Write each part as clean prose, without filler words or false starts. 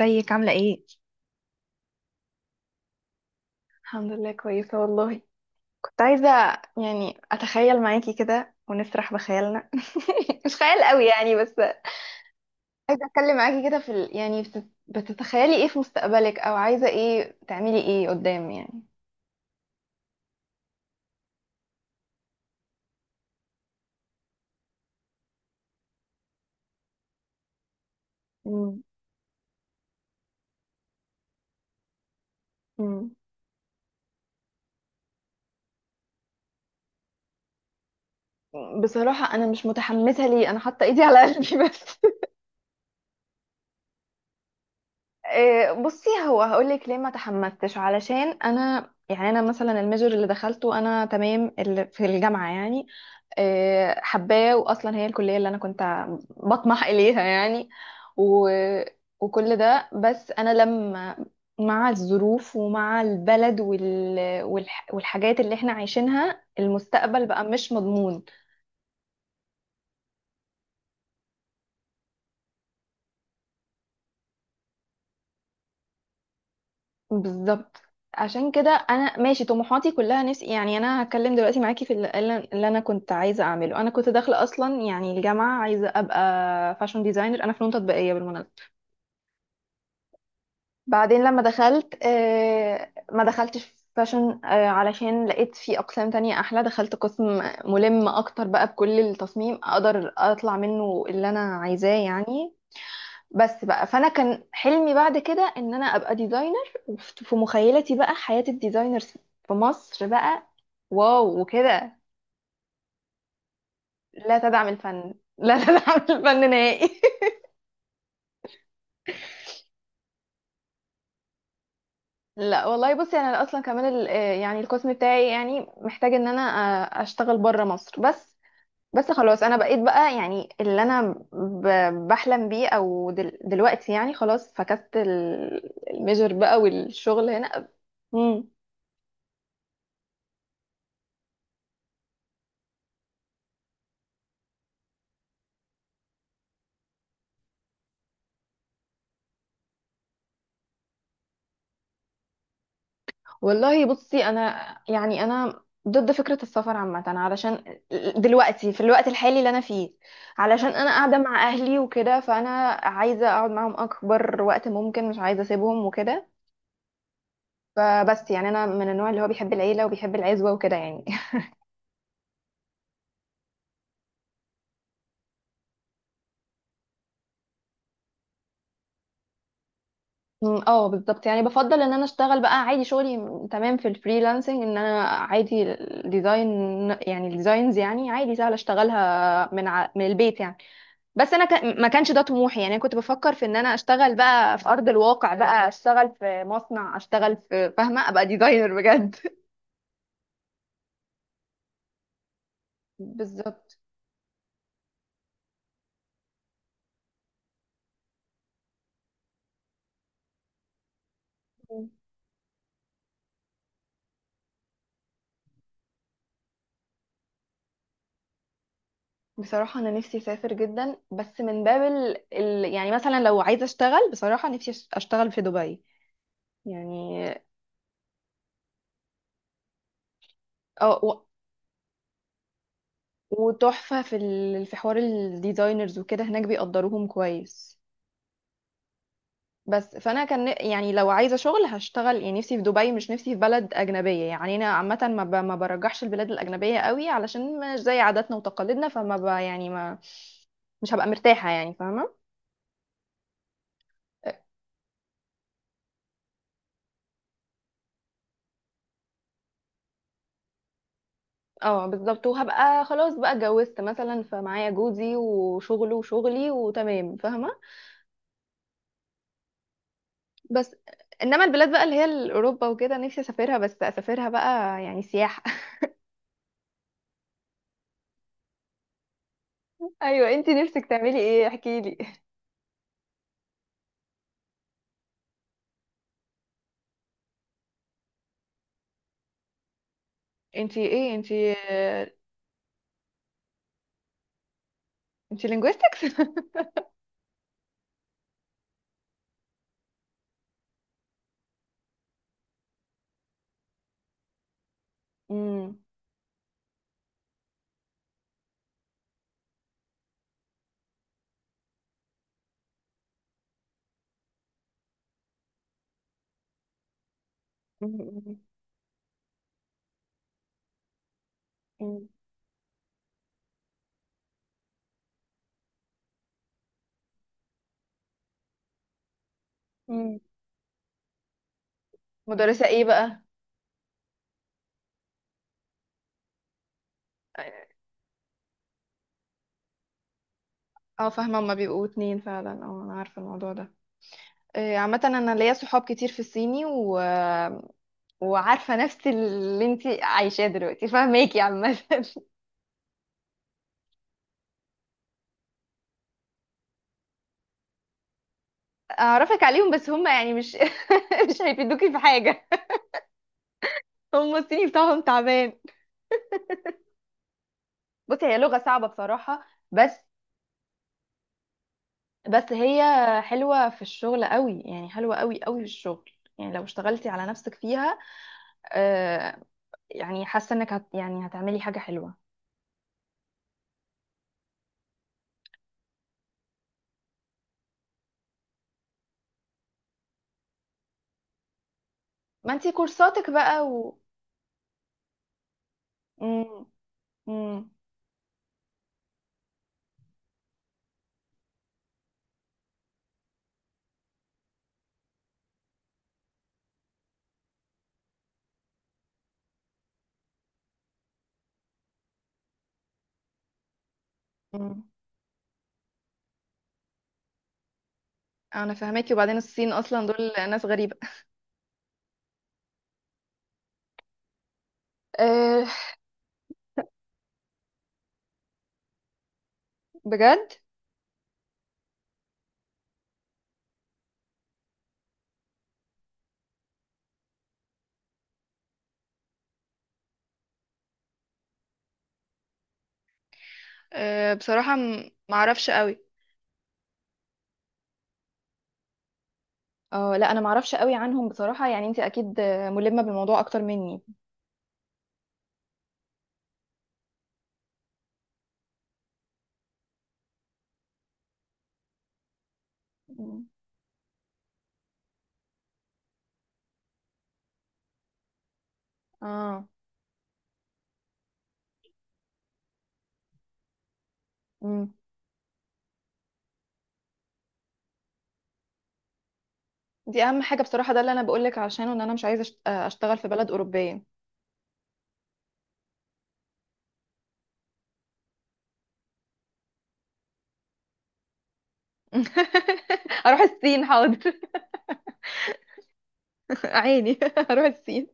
ازيك عاملة ايه؟ الحمد لله كويسة والله. كنت عايزة أتخيل معاكي كده ونسرح بخيالنا. مش خيال قوي يعني بس. عايزة أتكلم معاكي كده في بتتخيلي ايه في مستقبلك، أو عايزة ايه تعملي ايه قدام يعني. مم. مم. بصراحة أنا مش متحمسة ليه، أنا حاطة إيدي على قلبي بس. إيه، بصي هو هقولك ليه ما تحمستش، علشان أنا أنا مثلا الميجر اللي دخلته أنا تمام، اللي في الجامعة يعني. آه، حباه واصلا هي الكليه اللي انا كنت بطمح اليها يعني و... وكل ده. بس انا لما مع الظروف ومع البلد والحاجات اللي احنا عايشينها، المستقبل بقى مش مضمون. بالظبط. عشان كده انا ماشي طموحاتي كلها، نفسي يعني. انا هتكلم دلوقتي معاكي في اللي انا كنت عايزه اعمله. انا كنت داخله اصلا يعني الجامعه عايزه ابقى فاشن ديزاينر. انا فنون تطبيقيه بالمناسبه. بعدين لما دخلت، ما دخلتش فاشن، علشان لقيت في اقسام تانية احلى، دخلت قسم ملم اكتر بقى بكل التصميم، اقدر اطلع منه اللي انا عايزاه يعني. بس بقى فانا كان حلمي بعد كده ان انا ابقى ديزاينر، وفي مخيلتي بقى حياة الديزاينرز في مصر بقى. واو وكده. لا تدعم الفن، لا تدعم الفن نهائي لا والله بصي، انا اصلا كمان يعني القسم بتاعي يعني محتاج ان انا اشتغل بره مصر بس. بس خلاص انا بقيت بقى يعني اللي انا بحلم بيه، او دلوقتي يعني خلاص فكست الميجر بقى والشغل هنا. امم والله بصي انا، يعني انا ضد فكرة السفر عامة، علشان دلوقتي في الوقت الحالي اللي انا فيه، علشان انا قاعدة مع اهلي وكده، فانا عايزة اقعد معاهم اكبر وقت ممكن، مش عايزة اسيبهم وكده. فبس يعني انا من النوع اللي هو بيحب العيلة وبيحب العزوة وكده يعني. مم، اه بالظبط. يعني بفضل ان انا اشتغل بقى عادي، شغلي تمام في الفريلانسنج، ان انا عادي الديزاين يعني الديزاينز يعني عادي، سهل اشتغلها من البيت يعني. بس انا ما كانش ده طموحي. يعني انا كنت بفكر في ان انا اشتغل بقى في ارض الواقع، بقى اشتغل في مصنع، اشتغل في، فاهمه، ابقى ديزاينر بجد بالظبط. مم. بصراحة أنا نفسي أسافر جدا، بس من باب يعني مثلا لو عايزة أشتغل، بصراحة نفسي أشتغل في دبي يعني. اه وتحفة في في حوار الديزاينرز وكده، هناك بيقدروهم كويس. بس فانا كان يعني لو عايزه شغل هشتغل، يعني نفسي في دبي، مش نفسي في بلد اجنبيه يعني. انا عامه ما برجحش البلاد الاجنبيه قوي، علشان مش زي عاداتنا وتقاليدنا، فما ب... يعني ما مش هبقى مرتاحه يعني، فاهمه. اه بالظبط، وهبقى خلاص بقى اتجوزت مثلا، فمعايا جوزي وشغله وشغلي وتمام، فاهمه. بس. انما البلاد بقى اللي هي اوروبا وكده، نفسي اسافرها، بس اسافرها بقى يعني سياحه. ايوه، انتي نفسك تعملي ايه؟ احكي لي. انتي ايه؟ انتي انتي linguistics امم امم امم امم مدرسة ايه بقى؟ اه فاهمة، هما بيبقوا اتنين فعلا، اه انا عارفة الموضوع ده. آه، عامة انا ليا صحاب كتير في الصيني وعارفة نفس اللي انتي عايشاه دلوقتي، فاهماكي عامة. اعرفك عليهم، بس هما يعني مش مش هيفيدوكي في حاجة. هما الصيني بتاعهم تعبان. بصي هي لغة صعبة بصراحة. بس. بس هي حلوة في الشغل قوي، يعني حلوة قوي قوي في الشغل. يعني لو اشتغلتي على نفسك فيها، آه، يعني حاسة انك يعني هتعملي حاجة حلوة. ما انتي كورساتك بقى و. مم. مم. مم. انا فاهماكي. وبعدين الصين اصلا دول ناس غريبة. آه بجد. آه بصراحة معرفش قوي. اه لا انا معرفش قوي عنهم بصراحة، يعني انتي اكيد ملمة بالموضوع اكتر مني. مم. اه. مم. دي اهم حاجه بصراحه، ده اللي انا بقولك عشانه، ان انا مش عايزه اشتغل في بلد اوروبيه. اروح الصين، حاضر. عيني اروح الصين.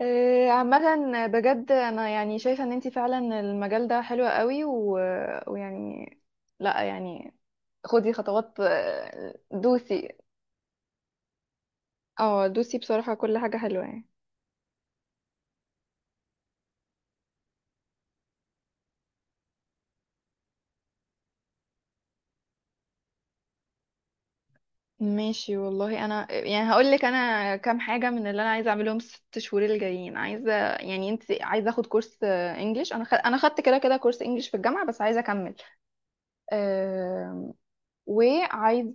آه، عامه بجد انا يعني شايفه ان انتي فعلا المجال ده حلو قوي ويعني، لا يعني خدي خطوات، دوسي. اه دوسي بصراحه، كل حاجه حلوه يعني. ماشي والله، انا يعني هقول لك انا كام حاجه من اللي انا عايزه اعملهم الست شهور الجايين. عايزه يعني، انت عايزه اخد كورس، آه، انجليش. انا انا خدت كده كده كورس انجليش في الجامعه، بس عايزه اكمل. آم، وعايز.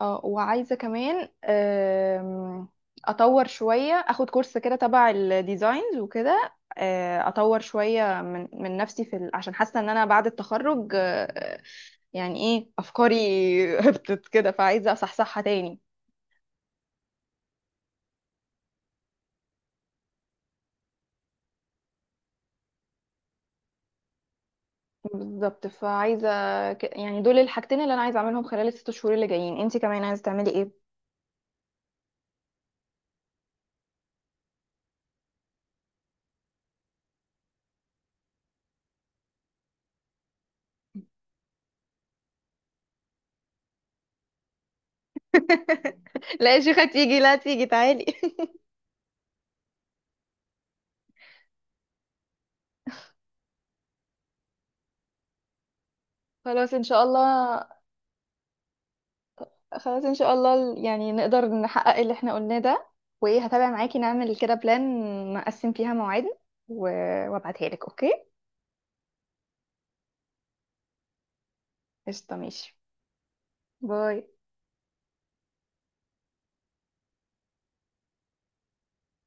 اه وعايزه كمان اطور شويه، اخد كورس كده تبع الديزاينز وكده، آه، اطور شويه من نفسي في عشان حاسه ان انا بعد التخرج، يعني ايه افكاري هبطت كده، فعايزه اصحصحها تاني. بالظبط فعايزه، يعني دول الحاجتين اللي انا عايزه اعملهم خلال الست شهور اللي جايين. انتي كمان عايزه تعملي ايه؟ لا يا شيخه تيجي، لا تيجي تعالي خلاص ان شاء الله. خلاص ان شاء الله، يعني نقدر نحقق اللي احنا قلناه ده. وايه، هتابع معاكي نعمل كده بلان، نقسم فيها مواعيدنا و... وابعتها لك، اوكي؟ قشطه ماشي. باي.